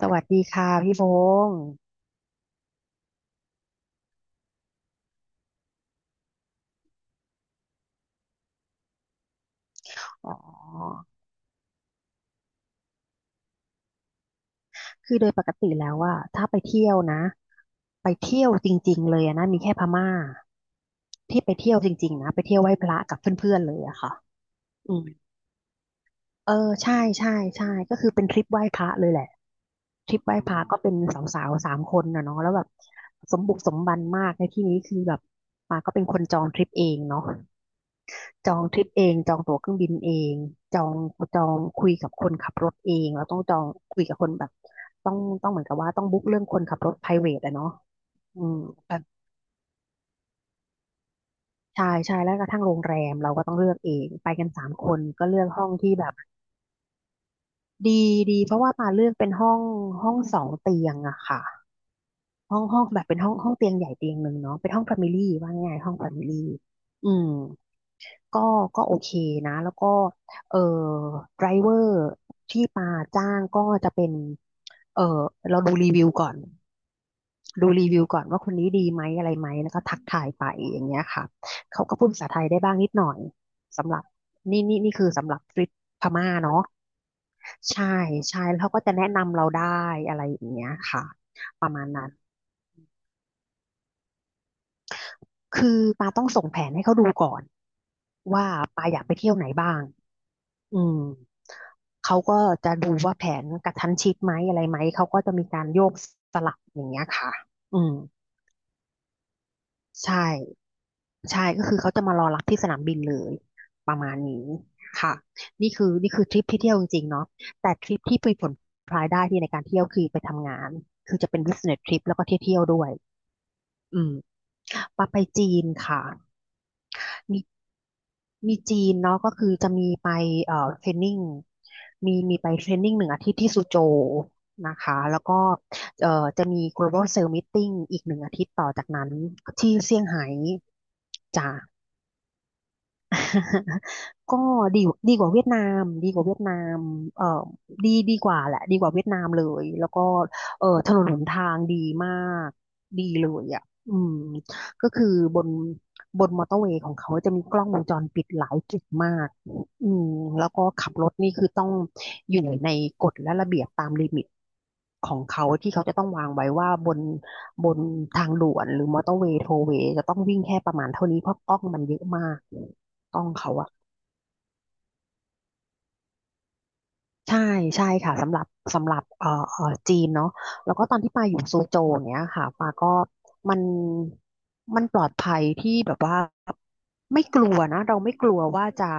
สวัสดีค่ะพี่พงศ์อ๋อคือโดยปกติแล้วอะถ้าไปเที่ยวนะไปเที่ยวจริงๆเลยอะนะมีแค่พม่าที่ไปเที่ยวจริงๆนะไปเที่ยวไหว้พระกับเพื่อนๆเลยอะค่ะอืมเออใช่ใช่ใช่ก็คือเป็นทริปไหว้พระเลยแหละทริปไหว้พระก็เป็นสาวๆสามคนนะเนาะแล้วแบบสมบุกสมบันมากในที่นี้คือแบบมาก็เป็นคนจองทริปเองเนาะ จองทริปเองจองตั๋วเครื่องบินเองจองจองคุยกับคนขับรถเองเราต้องจองคุยกับคนแบบต้องต้องเหมือนกับว่าต้องบุ๊กเรื่องคนขับรถ private อะเนาะอืมแบบใช่ใช่แล้วกระทั่งโรงแรมเราก็ต้องเลือกเองไปกันสามคนก็เลือกห้องที่แบบดีดีเพราะว่าปาเลือกเป็นห้องสองเตียงอะค่ะห้องห้องแบบเป็นห้องเตียงใหญ่เตียงหนึ่งเนาะเป็นห้องแฟมิลี่ว่าง่ายๆห้องแฟมิลี่อืม ก็ก็โอเคนะแล้วก็เอ่อไดรเวอร์ที่ปาจ้างก็จะเป็นเอ่อเราดูรีวิวก่อนดูรีวิวก่อนว่าคนนี้ดีไหมอะไรไหมแล้วก็ทักทายไปอย่างเงี้ยค่ะเขาก็พูดภาษาไทยได้บ้างนิดหน่อยสำหรับนี่คือสำหรับทริปพม่าเนาะใช่ใช่แล้วเขาก็จะแนะนำเราได้อะไรอย่างเงี้ยค่ะประมาณนั้นคือปาต้องส่งแผนให้เขาดูก่อนว่าปาอยากไปเที่ยวไหนบ้าง อืมเขาก็จะดูว่าแผนกระชั้นชิดไหมอะไรไหมเขาก็จะมีการโยกสลับอย่างเงี้ยค่ะอืมใช่ใช่ก็คือเขาจะมารอรับที่สนามบินเลยประมาณนี้ค่ะนี่คือนี่คือทริปที่เที่ยวจริงๆเนาะแต่ทริปที่มีผลพลอยได้ที่ในการเที่ยวคือไปทำงานคือจะเป็น business trip แล้วก็เที่ยวๆด้วยอืมปาไปจีนค่ะ มีมีจีนเนาะก็คือจะมีไปเทรนนิ่งมีไปเทรนนิ่งหนึ่งอาทิตย์ที่ซูโจวนะคะแล้วก็เอ่อจะมี Global Sales Meeting อีก1 อาทิตย์ต่อจากนั้นที่เซี่ยงไฮ้จ้ะ ก็ดีดีกว่าเวียดนามดีกว่าเวียดนามเอ่อดีกว่าแหละดีกว่าเวียดนามเลยแล้วก็ถนนหนทางดีมากดีเลยอ่ะอืมก็คือบนบนมอเตอร์เวย์ของเขาจะมีกล้องวงจรปิดหลายจุดมากอืมแล้วก็ขับรถนี่คือต้องอยู่ในกฎและระเบียบตามลิมิตของเขาที่เขาจะต้องวางไว้ว่าบนทางด่วนหรือมอเตอร์เวย์โทเวย์จะต้องวิ่งแค่ประมาณเท่านี้เพราะกล้องมันเยอะมาก กล้องเขาอะใช่ใช่ค่ะสำหรับจีนเนาะแล้วก็ตอนที่ปาอยู่โซโจอย่างเนี้ยค่ะปาก็มันมันปลอดภัยที่แบบว่าไม่กลัวนะเราไม่กลัวว่าจะ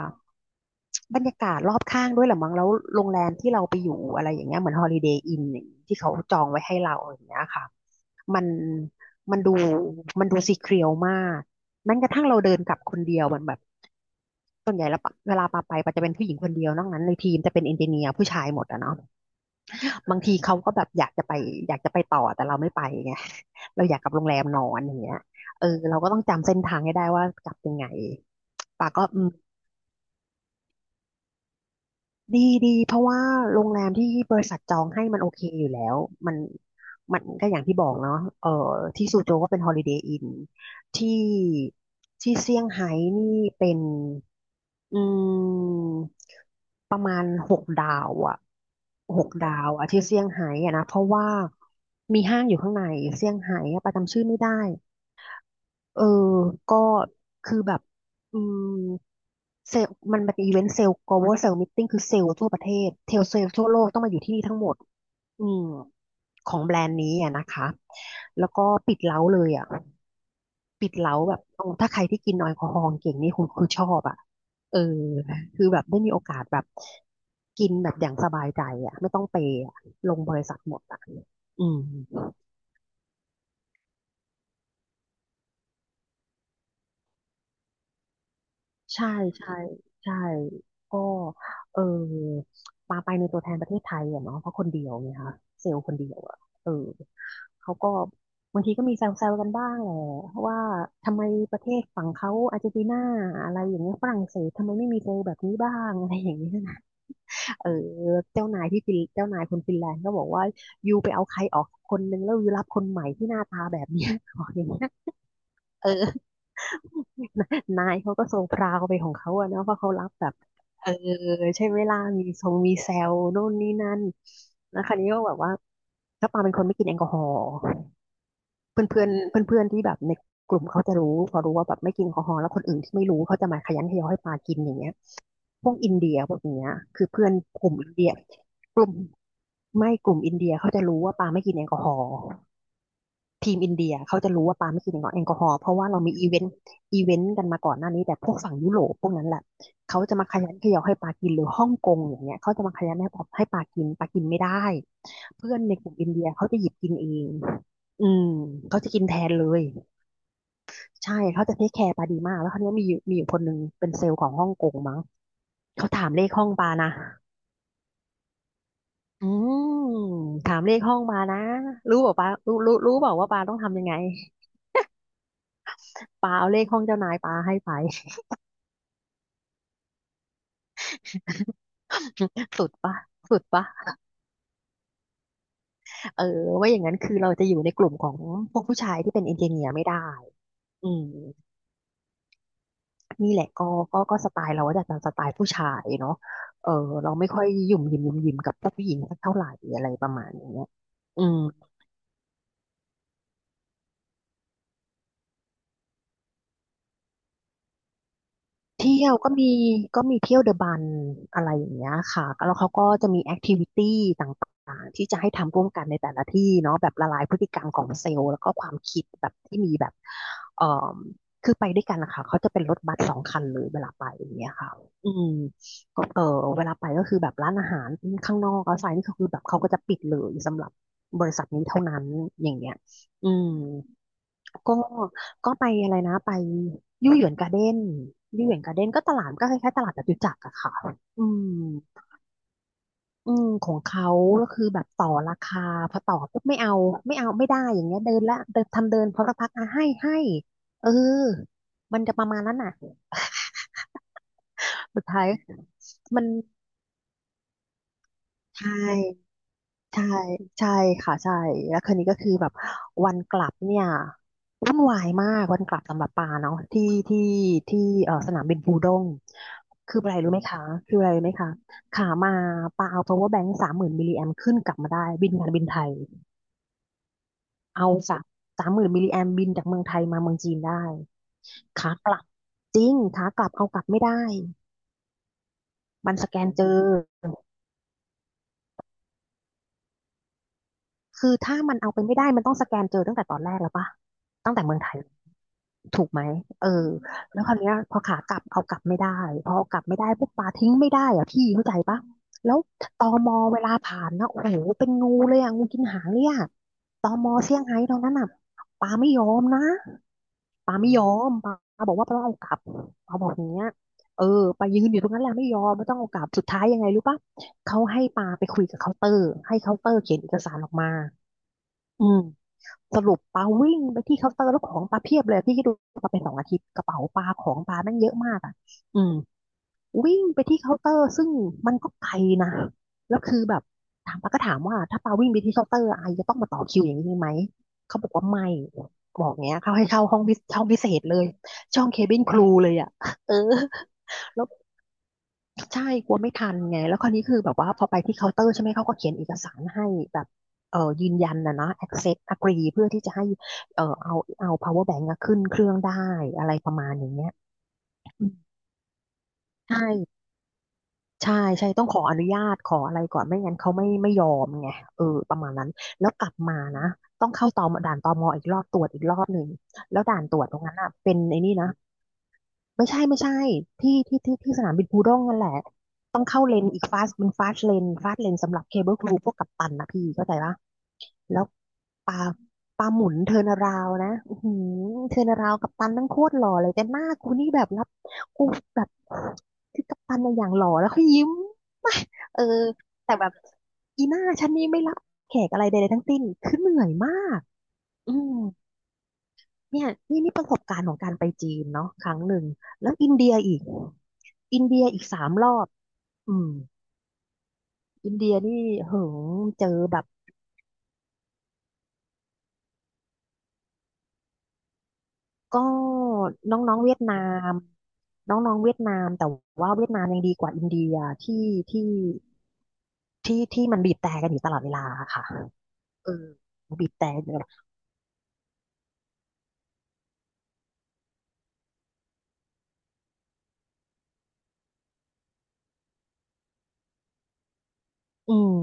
บรรยากาศรอบข้างด้วยแหละมั้งแล้วโรงแรมที่เราไปอยู่อะไรอย่างเงี้ยเหมือนฮอลิเดย์อินที่เขาจองไว้ให้เราอย่างเงี้ยค่ะมันมันดูมันดูซีเครียวมาก แม้กระทั่งเราเดินกลับคนเดียวมันแบบส่วนใหญ่แล้วปะเวลาปาไปปาจะเป็นผู้หญิงคนเดียวนอกนั้นในทีมจะเป็นเอนจิเนียร์ผู้ชายหมดอะเนาะบางทีเขาก็แบบอยากจะไปต่อแต่เราไม่ไปไงเราอยากกลับโรงแรมนอนอย่างเงี้ยเออเราก็ต้องจำเส้นทางให้ได้ว่ากลับยังไงปาก็อืมดีดีเพราะว่าโรงแรมที่บริษัทจองให้มันโอเคอยู่แล้วมันมันก็อย่างที่บอกเนาะเออที่ซูโจวก็เป็นฮอลิเดย์อินที่ที่เซี่ยงไฮ้นี่เป็น อืมประมาณหกดาวอะหกดาวอะที่เซี่ยงไฮ้อะนะเพราะว่ามีห้างอยู่ข้างในเซี่ยงไฮ้อะประจำชื่อไม่ได้เออก็คือแบบอืมเซลมันเป็นอีเวนต์เซลล์ global sales meeting คือเซลล์ทั่วประเทศเทลเซลล์ทั่วโลกต้องมาอยู่ที่นี่ทั้งหมดอืมของแบรนด์นี้อ่ะนะคะแล้วก็ปิดเล้าเลยอ่ะ ปิดเล้าแบบโอ้ถ้าใครที่กินแอลกอฮอล์เก่งนี่คณคือชอบอ่ะเออคือแบบได้มีโอกาสแบบกินแบบอย่างสบายใจอ่ะไม่ต้องเปย์อะลงบริษัทหมดอ่ะอืมใช่ใช่ใช่ก็เออปาไปในตัวแทนประเทศไทยอะเนาะเพราะคนเดียวไงคะเซลล์คนเดียวอะเออเขาก็บางทีก็มีแซวๆกันบ้างแหละว่าทำไมประเทศฝั่งเขาอาร์เจนตินาอะไรอย่างเงี้ยฝรั่งเศสทำไมไม่มีเซลล์แบบนี้บ้างอะไรอย่างเงี้ย เออเจ้านายที่ฟินเจ้านายคนฟินแลนด์ก็บอกว่ายูไปเอาใครออกคนนึงแล้วยูรับคนใหม่ที่หน้าตาแบบเนี้ย บอกอย่างเงี้ยเออ นายเขาก็ทรงพราวไปของเขาอะเนาะเพราะเขารับแบบเออใช่ไหมล่ะมีทรงมีแซวโน่นนี่นั่นแล้วคราวนี้ก็แบบว่าก็ปาเป็นคนไม่กินแอลกอฮอล์เพื่อนเพื่อนเพื่อนเพื่อนๆที่แบบในกลุ่มเขาจะรู้พอรู้ว่าแบบไม่กินแอลกอฮอล์แล้วคนอื่นที่ไม่รู้เขาจะมาขยันขยอให้ปากินอย่างเงี้ย พวกอินเดียพวกเนี้ยคือเพื่อนกลุ่มอินเดียกลุ่มกลุ่มอินเดียเขาจะรู้ว่าปาไม่กินแอลกอฮอล์ทีมอินเดียเขาจะรู้ว่าปาไม่กินแอลกอฮอล์เพราะว่าเรามีอีเวนต์กันมาก่อนหน้านี้แต่พวกฝั่งยุโรปพวกนั้นแหละเขาจะมาขยันเขยอให้ปากินหรือฮ่องกงอย่างเงี้ยเขาจะมาขยันให้ปากินปากินไม่ได้เพื่อนในกลุ่มอินเดียเขาจะหยิบกินเองอืมเขาจะกินแทนเลยใช่เขาจะเทคแคร์ปาดีมากแล้วคราวเนี้ยมีอยู่คนหนึ่งเป็นเซลล์ของฮ่องกงมั้งเขาถามเลขห้องปานะ อืมถามเลขห้องมานะรู้บอกปารู้บอกว่าปาต้องทำยังไงปาเอาเลขห้องเจ้านายปาให้ไป สุดปะสุดปะเออว่าอย่างนั้นคือเราจะอยู่ในกลุ่มของพวกผู้ชายที่เป็นเอนจิเนียร์ไม่ได้อืมนี่แหละก็สไตล์เราก็จะเป็นสไตล์ผู้ชายเนาะเออเราไม่ค่อยหยุ่มหยิมกับผู้หญิงสักเท่าไหร่อะไรประมาณอย่างเงี้ยอืม เที่ยวก็มีก็มีเที่ยวเดอะบันอะไรอย่างเงี้ยค่ะแล้วเขาก็จะมีแอคทิวิตี้ต่างๆที่จะให้ทำร่วมกันในแต่ละที่เนาะแบบละลายพฤติกรรมของเซลล์แล้วก็ความคิดแบบที่มีแบบเอ่อคือไปด้วยกันนะคะเขาจะเป็นรถบัส2 คันเลยเวลาไปอย่างเงี้ยค่ะอืมก็เออเวลาไปก็คือแบบร้านอาหารข้างนอกเอาไซน์นี่ก็คือแบบเขาก็จะปิดเลยสำหรับบริษัทนี้เท่านั้นอย่างเงี้ยอืม ก็ก็ไปอะไรนะไปยู่หยวนการ์เด้นยู่หยวนการ์เด้นก็ตลาดก็คล้ายๆตลาดจตุจักรอะค่ะอืมอืมของเขาก็คือแบบต่อราคาพอต่อปุ๊บไม่เอาไม่ได้อย่างเงี้ยเดินละเดินทำเดินพอสักพักอ่ะให้เออมันจะประมาณนั้นน่ะสุดท้ายมันใช่ ใช่ใช่ค่ะใช่แล้วคืนนี้ก็คือแบบวันกลับเนี่ยวุ่นวายมากวันกลับสำหรับปาเนาะที่ที่เอ่อสนามบินปูด้งคืออะไรรู้ไหมคะคืออะไรรู้ไหมคะขามาปาเอา power bank สามหมื่นมิลลิแอมขึ้นกลับมาได้บินการบินไทยเอาสามหมื่นมิลลิแอมบินจากเมืองไทยมาเมืองจีนได้ขากลับจริงขากลับเอากลับไม่ได้มันสแกนเจอคือถ้ามันเอาไปไม่ได้มันต้องสแกนเจอตั้งแต่ตอนแรกแล้วปะตั้งแต่เมืองไทย ถูกไหมเออแล้วคราวเนี้ยพอขากลับเอากลับไม่ได้พอเอากลับไม่ได้ปุ๊บปลาทิ้งไม่ได้อะพี่เข้าใจปะแล้วตมเวลาผ่านนะโอ้โหเป็นงูเลยอะงูกินหางเนี่ะตมเซี่ยงไฮ้ตอนนั้นอ่ะปลาไม่ยอมนะปลาไม่ยอมปลาบอกว่าปาต้องเอากลับปลาบอกอย่างเงี้ยเออไปายืนอยู่ตรงนั้นแหละไม่ยอมไม่ต้องเอากลับสุดท้ายยังไงรู้ปะเขาให้ปลาไปคุยกับเคาน์เตอร์ให้เคาน์เตอร์เขียนเอกสารออกมาอืม สรุปปาวิ่งไปที่เคาน์เตอร์แล้วของปาเพียบเลยพี่คิดดูปาไป2 อาทิตย์กระเป๋าปาของปาแม่งเยอะมากอ่ะอืมวิ่งไปที่เคาน์เตอร์ซึ่งมันก็ไกลนะแล้วคือแบบถามปาก็ถามว่าถ้าปาวิ่งไปที่เคาน์เตอร์ไอจะต้องมาต่อคิวอย่างนี้ไหมเขาบอกว่าไม่บอกเงี้ยเขาให้เช่าห้องพิเศษเลยช่องเคบินครูเลยอ่ะเออแล้ว ใช่กลัวไม่ทันไงแล้วคราวนี้คือแบบว่าพอไปที่เคาน์เตอร์ใช่ไหมเขาก็เขียนเอกสารให้แบบเออยืนยันนะ accept agree เพื่อที่จะให้เอาpower bank อะขึ้นเครื่องได้อะไรประมาณอย่างเงี้ยอืมใช่ใช่ใช่ต้องขออนุญาตขออะไรก่อนไม่งั้นเขาไม่ยอมไงเออประมาณนั้นแล้วกลับมานะต้องเข้าตอมด่านตมอีกรอบตรวจอีกรอบหนึ่งแล้วด่านตรวจตรงนั้นอ่ะเป็นไอ้นี่นะ ไม่ใช่ไม่ใช่ที่สนามบินปูด้งนั่นแหละต้องเข้าเลนอีกฟาสเป็นฟาสเลนฟาสเลนสำหรับเคเบิลครูพวกกัปตันนะพี่เข้าใจปะแล้วปลาปลาหมุนเทิร์นาราวนะอือหือเทิร์นาราวกัปตันนั่งโคตรหล่อเลยแต่หน้ากูนี่แบบรับกูแบบคือกัปตันในยอย่างหล่อแล้วเขายิ้ม เออแต่แบบอีหน้าฉันนี่ไม่รับแขกอะไรใดๆทั้งสิ้นคือเหนื่อยมากอืม เนี่ยนี่ประสบการณ์ของการไปจีนเนาะครั้งหนึ่งแล้วอินเดียอีกอินเดียอีก3 รอบอืมอินเดียนี่เหิงเจอแบบก็น้องๆเวียดนามน้องๆเวียดนามแต่ว่าเวียดนามยังดีกว่าอินเดียที่ที่ที่มันบีบแตรกันอยู่ตลอดเวลาค่ะเออบีบแต่กันอยู่ตลอดอืม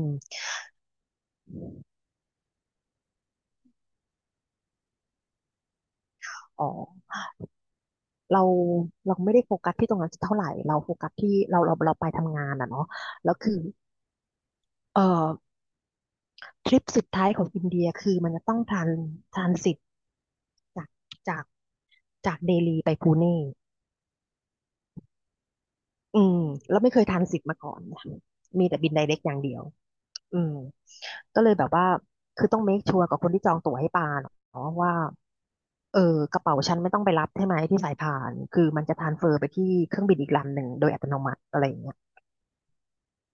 อ๋อเราเราไม่ได้โฟกัสที่ตรงนั้นเท่าไหร่เราโฟกัสที่เราไปทำงานอ่ะเนาะแล้วคือเออ ทริปสุดท้ายของอินเดียคือมันจะต้องทรานทรานสิตจากจากจากเดลีไปพูเน่อืมแล้วไม่เคยทรานสิตมาก่อนนะมีแต่บินไดเรกอย่างเดียวอืมก็เลยแบบว่าคือต้องเมคชัวร์กับคนที่จองตั๋วให้ปาเนาะว่าเออกระเป๋าฉันไม่ต้องไปรับใช่ไหมที่สายพานคือมันจะทรานสเฟอร์ไปที่เครื่องบินอีกลำหนึ่งโดยอัตโนมัติอะไรอย่างเงี้ย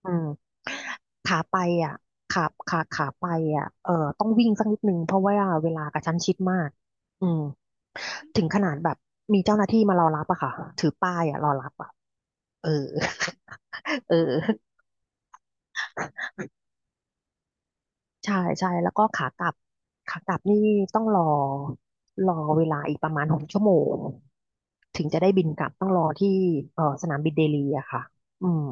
อืมขาไปอ่ะขาขาไปอ่ะเออต้องวิ่งสักนิดนึงเพราะว่าเวลากระชั้นชิดมากอืมถึงขนาดแบบมีเจ้าหน้าที่มารอรับอะค่ะถือป้ายอะรอรับอะเออ เออใช่ใช่แล้วก็ขากลับขากลับนี่ต้องรอเวลาอีกประมาณ6 ชั่วโมงถึงจะได้บินกลับต้องรอที่เออสนามบินเดลีอะค่ะอืม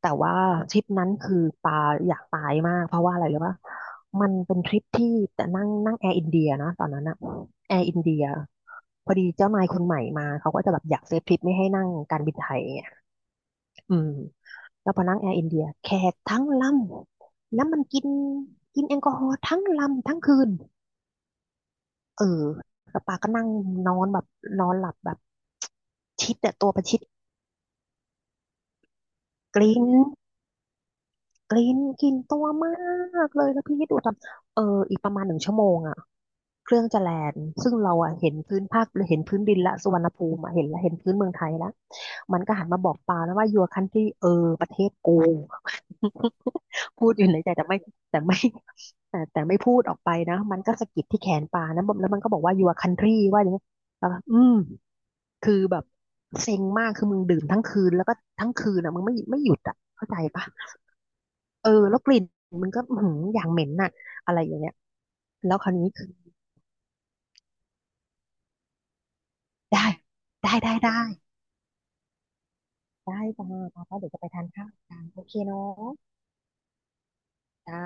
แต่ว่าทริปนั้นคือปาอยากตายมากเพราะว่าอะไรรู้ป่ะมันเป็นทริปที่แต่นั่งนั่งแอร์อินเดียนะตอนนั้นอะแอร์อินเดียพอดีเจ้านายคนใหม่มาเขาก็จะแบบอยากเซฟทริปไม่ให้นั่งการบินไทยไงอืมแล้วพอนั่งแอร์อินเดียแขกทั้งลำแล้วมันกินกินแอลกอฮอล์ทั้งลำทั้งคืนเออแล้วปาก็นั่งนอนแบบนอนหลับแบบชิดแต่ตัวประชิดกลิ้ง กลินตัวมากเลยแล้วพี่คิดดูตอนเอออีกประมาณ1 ชั่วโมงอ่ะเครื่องจะแลนด์ซึ่งเราอ่ะเห็นพื้นภาคเห็นพื้นดินละสุวรรณภูมิอะเห็นละเห็นพื้นเมืองไทยละมันก็หันมาบอกปาแล้วว่า your country เออประเทศกู พูดอยู่ในใจแต่ไม่แต่ไม่พูดออกไปนะมันก็สะกิดที่แขนปานะแล้วมันก็บอกว่า your country ว่าอย่างเงี้ยแล้วก็อืมคือแบบเซ็งมากคือมึงดื่มทั้งคืนแล้วก็ทั้งคืนอ่ะมึงไม่หยุดอ่ะเข้าใจปะ เออแล้วกลิ่นมันก็หืออย่างเหม็นน่ะอะไรอย่างเงี้ยแล้วคราวนี้คือได้ได้ได้ได้ได้จ้าจ้าจ้าเดี๋ยวจะไปทานข้าวกันโอเคเนาะจ้า